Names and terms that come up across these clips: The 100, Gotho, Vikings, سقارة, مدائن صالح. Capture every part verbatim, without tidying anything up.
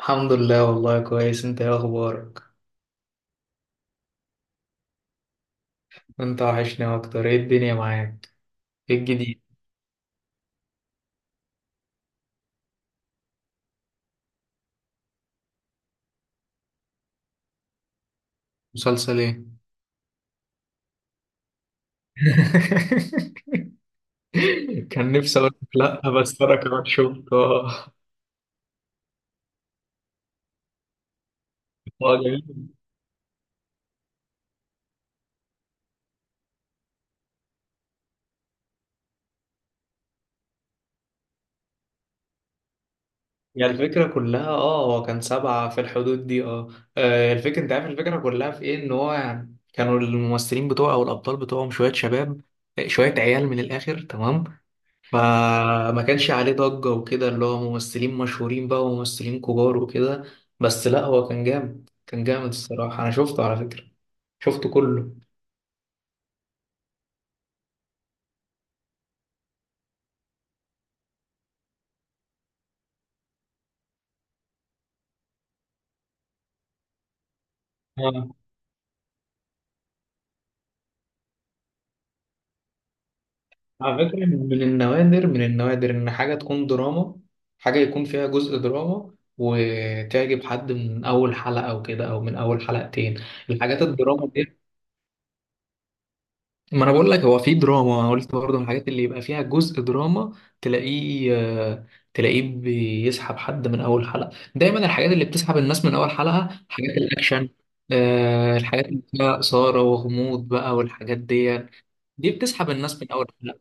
الحمد لله، والله كويس. انت ايه اخبارك؟ انت وحشني اكتر. ايه الدنيا معاك؟ ايه الجديد؟ مسلسل ايه؟ كان نفسي اقول لك لا، بس انا كمان شفته اه. اه، جميل. يعني الفكره كلها، اه هو كان سبعه في الحدود دي اه. اه، الفكره، انت عارف الفكره كلها في ايه، ان هو يعني كانوا الممثلين بتوعه او الابطال بتوعهم شويه شباب، شويه عيال من الاخر، تمام. فما كانش عليه ضجة وكده، اللي هو ممثلين مشهورين بقى وممثلين كبار وكده. بس لا، هو كان جامد، كان جامد الصراحة. أنا شفته على فكرة، شفته كله. آه. على فكرة، من النوادر، من النوادر إن حاجة تكون دراما، حاجة يكون فيها جزء دراما وتعجب حد من أول حلقة أو كده أو من أول حلقتين، الحاجات الدراما دي. ما انا بقول لك هو في دراما، قلت برضه من الحاجات اللي يبقى فيها جزء دراما، تلاقيه، آه، تلاقيه بيسحب حد من اول حلقه. دايما الحاجات اللي بتسحب الناس من اول حلقه حاجات الاكشن. آه، الحاجات اللي فيها اثاره وغموض بقى والحاجات دي، دي بتسحب الناس من اول حلقه.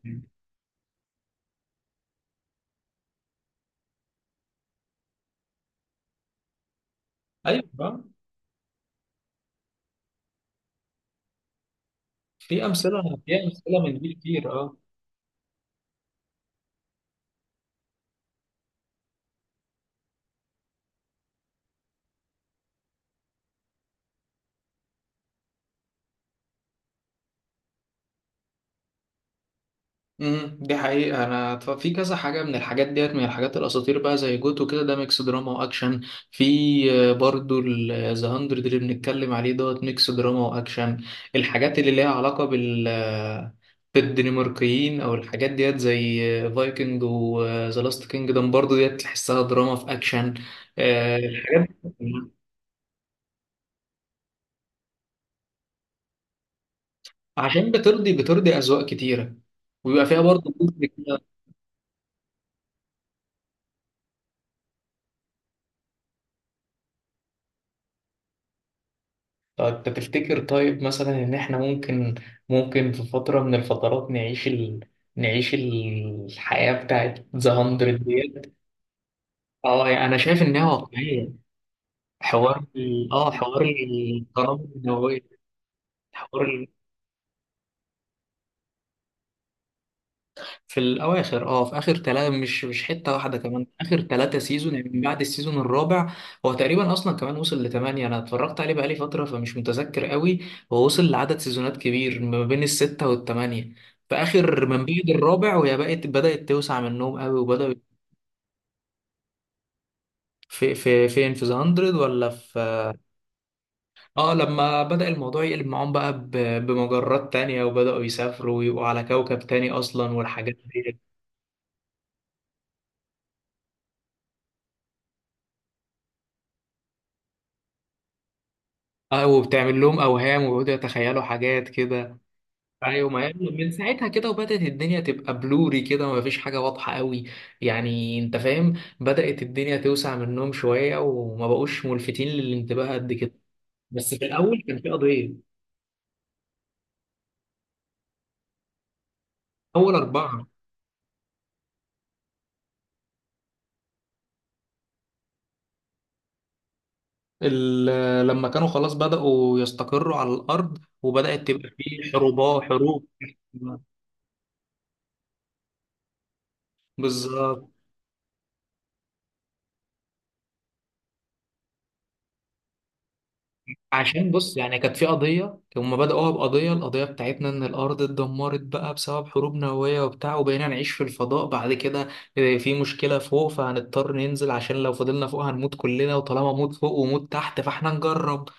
ايوه، آه. في امثله، في امثله من دي كتير اه. امم دي حقيقة. أنا ف- في كذا حاجة من الحاجات ديت، من الحاجات الأساطير بقى، زي جوتو كده، ده ميكس دراما وأكشن. في، آه، برضو ذا هاندرد اللي بنتكلم عليه دوت ميكس دراما وأكشن. الحاجات اللي ليها علاقة بال آه، بالدنماركيين أو الحاجات ديت، زي فايكنج وذا لاست كينجدم، برضو ديت تحسها دراما في أكشن. آه، الحاجات دي عشان بترضي بترضي أذواق كتيرة، ويبقى فيها برضو جزء كده. طب انت تفتكر، طيب مثلا ان احنا ممكن، ممكن في فترة من الفترات نعيش ال... نعيش الحياة بتاعت ذا مية ديت؟ اه، يعني انا شايف انها واقعية. حوار ال... اه، حوار القنابل النووية. حوار ال... في الاواخر، اه، في اخر ثلاثه، مش مش حته واحده، كمان اخر ثلاثه سيزون، يعني من بعد السيزون الرابع. هو تقريبا اصلا كمان وصل لثمانيه. انا اتفرجت عليه بقالي فتره، فمش متذكر قوي. هو وصل لعدد سيزونات كبير ما بين السته والثمانيه في اخر، من بعد الرابع، وهي بقت، بدات توسع منهم قوي وبداوا. في في فين، في ذا هاندرد ولا في؟ اه، لما بدأ الموضوع يقلب معاهم بقى ب- بمجرات تانية، وبدأوا يسافروا ويبقوا على كوكب تاني اصلا والحاجات دي. اه، وبتعمل لهم اوهام ويقعدوا يتخيلوا حاجات كده. ايوه، ما هي من ساعتها كده، وبدات الدنيا تبقى بلوري كده وما فيش حاجه واضحه قوي، يعني انت فاهم. بدات الدنيا توسع منهم شويه وما بقوش ملفتين للانتباه قد كده. بس في الاول كان في قضيه. اول اربعه، ال- لما كانوا خلاص بداوا يستقروا على الارض، وبدات تبقى في حروبات، حروب. بالظبط. عشان بص، يعني كانت في قضية، هما بدأوها بقضية، القضية بتاعتنا إن الأرض اتدمرت بقى بسبب حروب نووية وبتاع، وبقينا نعيش في الفضاء بعد كده. آه، في مشكلة فوق، فهنضطر ننزل، عشان لو فضلنا فوق هنموت كلنا، وطالما موت فوق وموت تحت فاحنا نجرب،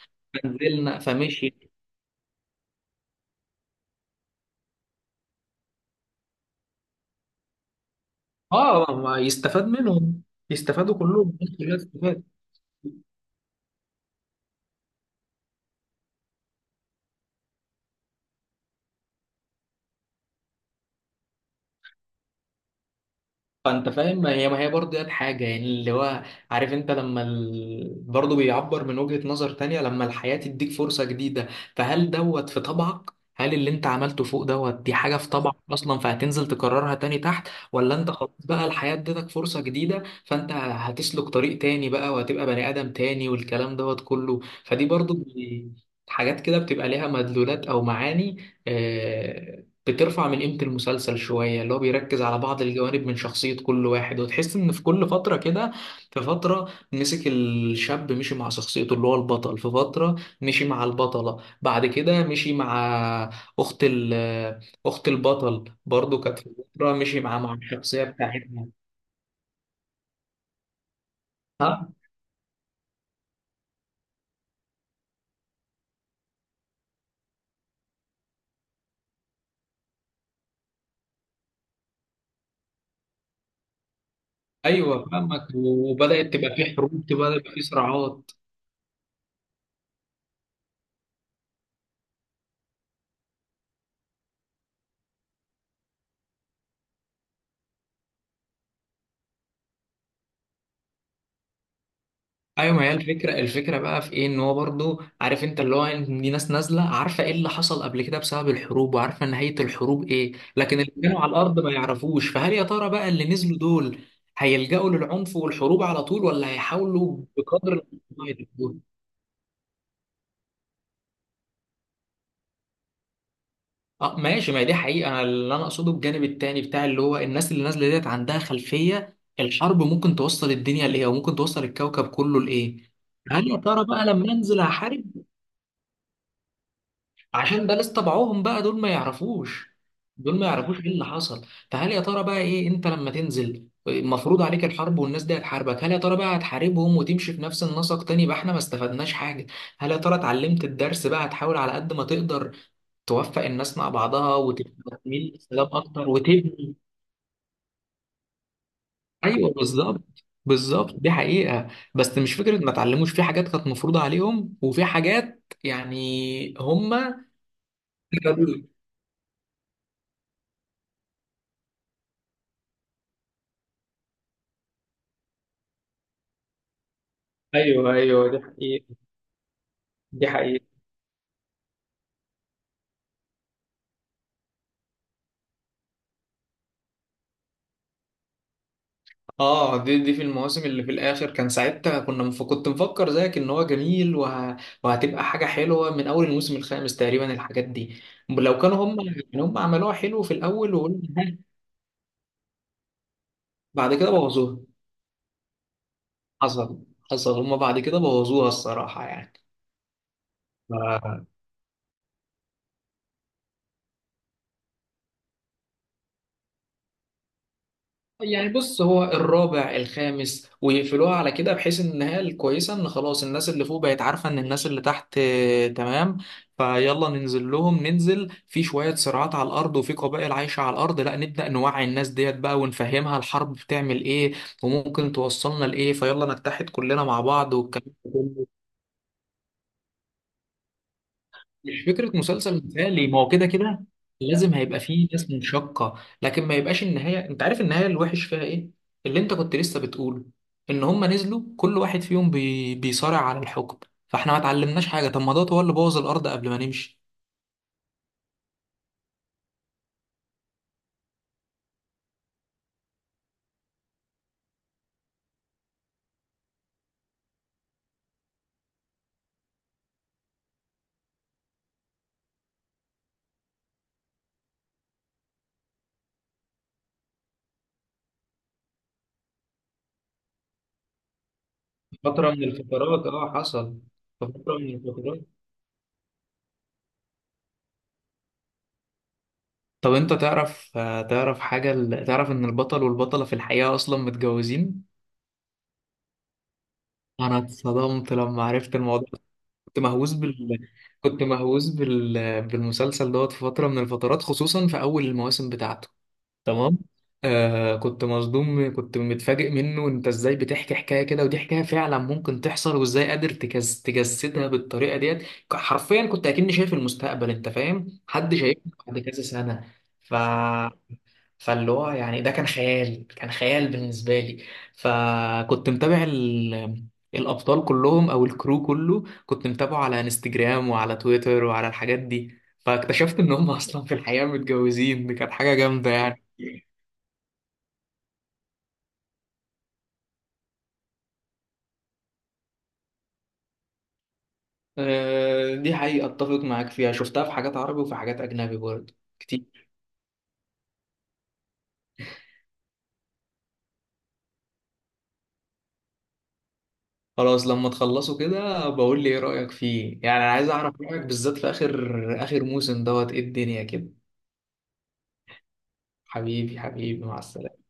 فنزلنا فمشي. اه، ما يستفاد منهم، يستفادوا كلهم، الناس كلها تستفاد. فانت فاهم، ما هي ما هي برضه دي الحاجه، يعني اللي هو، عارف انت لما ال... برضه بيعبر من وجهه نظر تانية، لما الحياه تديك فرصه جديده، فهل دوت في طبعك؟ هل اللي انت عملته فوق دوت دي حاجه في طبعك اصلا، فهتنزل تكررها تاني تحت؟ ولا انت خلاص بقى الحياه ادتك فرصه جديده، فانت هتسلك طريق تاني بقى وهتبقى بني ادم تاني والكلام دوت كله. فدي برضه بي- حاجات كده بتبقى ليها مدلولات او معاني. آه، بترفع من قيمة المسلسل شوية، اللي هو بيركز على بعض الجوانب من شخصية كل واحد، وتحس إن في كل فترة كده، في فترة مسك الشاب مشي مع شخصيته اللي هو البطل، في فترة مشي مع البطلة، بعد كده مشي مع أخت ال، أخت البطل برضه كانت في فترة مشي مع، مع الشخصية بتاعتها. ها. أيوه فاهمك. وبدأت تبقى في حروب، تبقى يبقى في صراعات. ايوه، ما هي الفكره، الفكره بقى في ايه، ان هو برضو عارف انت اللي هو، إن دي ناس نازله عارفه ايه اللي حصل قبل كده بسبب الحروب، وعارفه نهايه الحروب ايه، لكن اللي كانوا على الارض ما يعرفوش. فهل يا ترى بقى اللي نزلوا دول هيلجأوا للعنف والحروب على طول، ولا هيحاولوا بقدر الامكان يتجنبوها؟ اه ماشي، ما هي دي حقيقه. أنا اللي انا اقصده الجانب التاني بتاع، اللي هو الناس اللي نازله ديت عندها خلفيه الحرب ممكن توصل الدنيا لايه وممكن توصل الكوكب كله لايه. هل يا ترى بقى لما انزل احارب عشان ده لسه طبعهم بقى؟ دول ما يعرفوش، دول ما يعرفوش ايه اللي حصل. فهل يا ترى بقى ايه، انت لما تنزل مفروض عليك الحرب، والناس دي هتحاربك، هل يا ترى بقى هتحاربهم وتمشي في نفس النسق تاني، يبقى احنا ما استفدناش حاجة؟ هل يا ترى اتعلمت الدرس بقى، هتحاول على قد ما تقدر توفق الناس مع بعضها وتميل للسلام اكتر وتبني؟ ايوه بالظبط، بالظبط دي حقيقة. بس مش فكرة ما اتعلموش، في حاجات كانت مفروضة عليهم وفي حاجات يعني هما. ايوه ايوه دي حقيقة. دي حقيقة. اه، دي، دي في المواسم اللي في الاخر. كان ساعتها كنا مف... كنت مفكر زيك ان هو جميل وه... وهتبقى حاجة حلوة من اول الموسم الخامس تقريبا، الحاجات دي، لو كانوا هم يعني هم عملوها حلو في الاول وقلنا ها. بعد كده بوظوها. حصل، حصل هم بعد كده بوظوها الصراحة. يعني يعني بص، هو الرابع الخامس ويقفلوها على كده، بحيث ان النهايه الكويسه ان خلاص الناس اللي فوق بقت عارفه ان الناس اللي تحت، آه، تمام، فيلا ننزل لهم، ننزل في شويه صراعات على الارض وفي قبائل عايشه على الارض، لا نبدا نوعي الناس ديت بقى ونفهمها الحرب بتعمل ايه وممكن توصلنا لايه، فيلا نتحد كلنا مع بعض والكلام ده كله. مش فكرة مسلسل مثالي، ما هو كده كده لازم هيبقى فيه ناس منشقة، لكن ما يبقاش النهاية، انت عارف النهاية الوحش فيها ايه، اللي انت كنت لسه بتقوله، ان هما نزلوا كل واحد فيهم بي... بيصارع على الحكم، فاحنا ما اتعلمناش حاجة. طب ما دوت هو اللي بوظ الارض قبل ما نمشي. فترة من الفترات اه حصل، في فترة من الفترات. طب انت تعرف، آه، تعرف حاجة، ال- تعرف ان البطل والبطلة في الحقيقة اصلا متجوزين؟ انا اتصدمت لما عرفت الموضوع. كنت مهووس بال كنت مهووس بال... بالمسلسل دوت في فترة من الفترات، خصوصا في أول المواسم بتاعته. تمام. آه كنت مصدوم، كنت متفاجئ منه. انت ازاي بتحكي حكاية كده، ودي حكاية فعلا ممكن تحصل، وازاي قادر تجس... تجسدها بالطريقة ديت. ك- حرفيا كنت اكني شايف المستقبل، انت فاهم، حد شايفني بعد كذا سنة. ف فاللي هو يعني ده كان خيال، كان خيال بالنسبة لي. فكنت متابع ال... الأبطال كلهم أو الكرو كله، كنت متابعه على انستجرام وعلى تويتر وعلى الحاجات دي، فاكتشفت إن هم أصلا في الحقيقة متجوزين. دي كانت حاجة جامدة يعني. آه، دي حقيقة أتفق معاك فيها. شفتها في حاجات عربي وفي حاجات أجنبي برضه كتير. خلاص، لما تخلصوا كده بقول لي إيه رأيك فيه، يعني أنا عايز أعرف رأيك بالذات في آخر، آخر موسم دوت إيه الدنيا كده. حبيبي حبيبي، مع السلامة.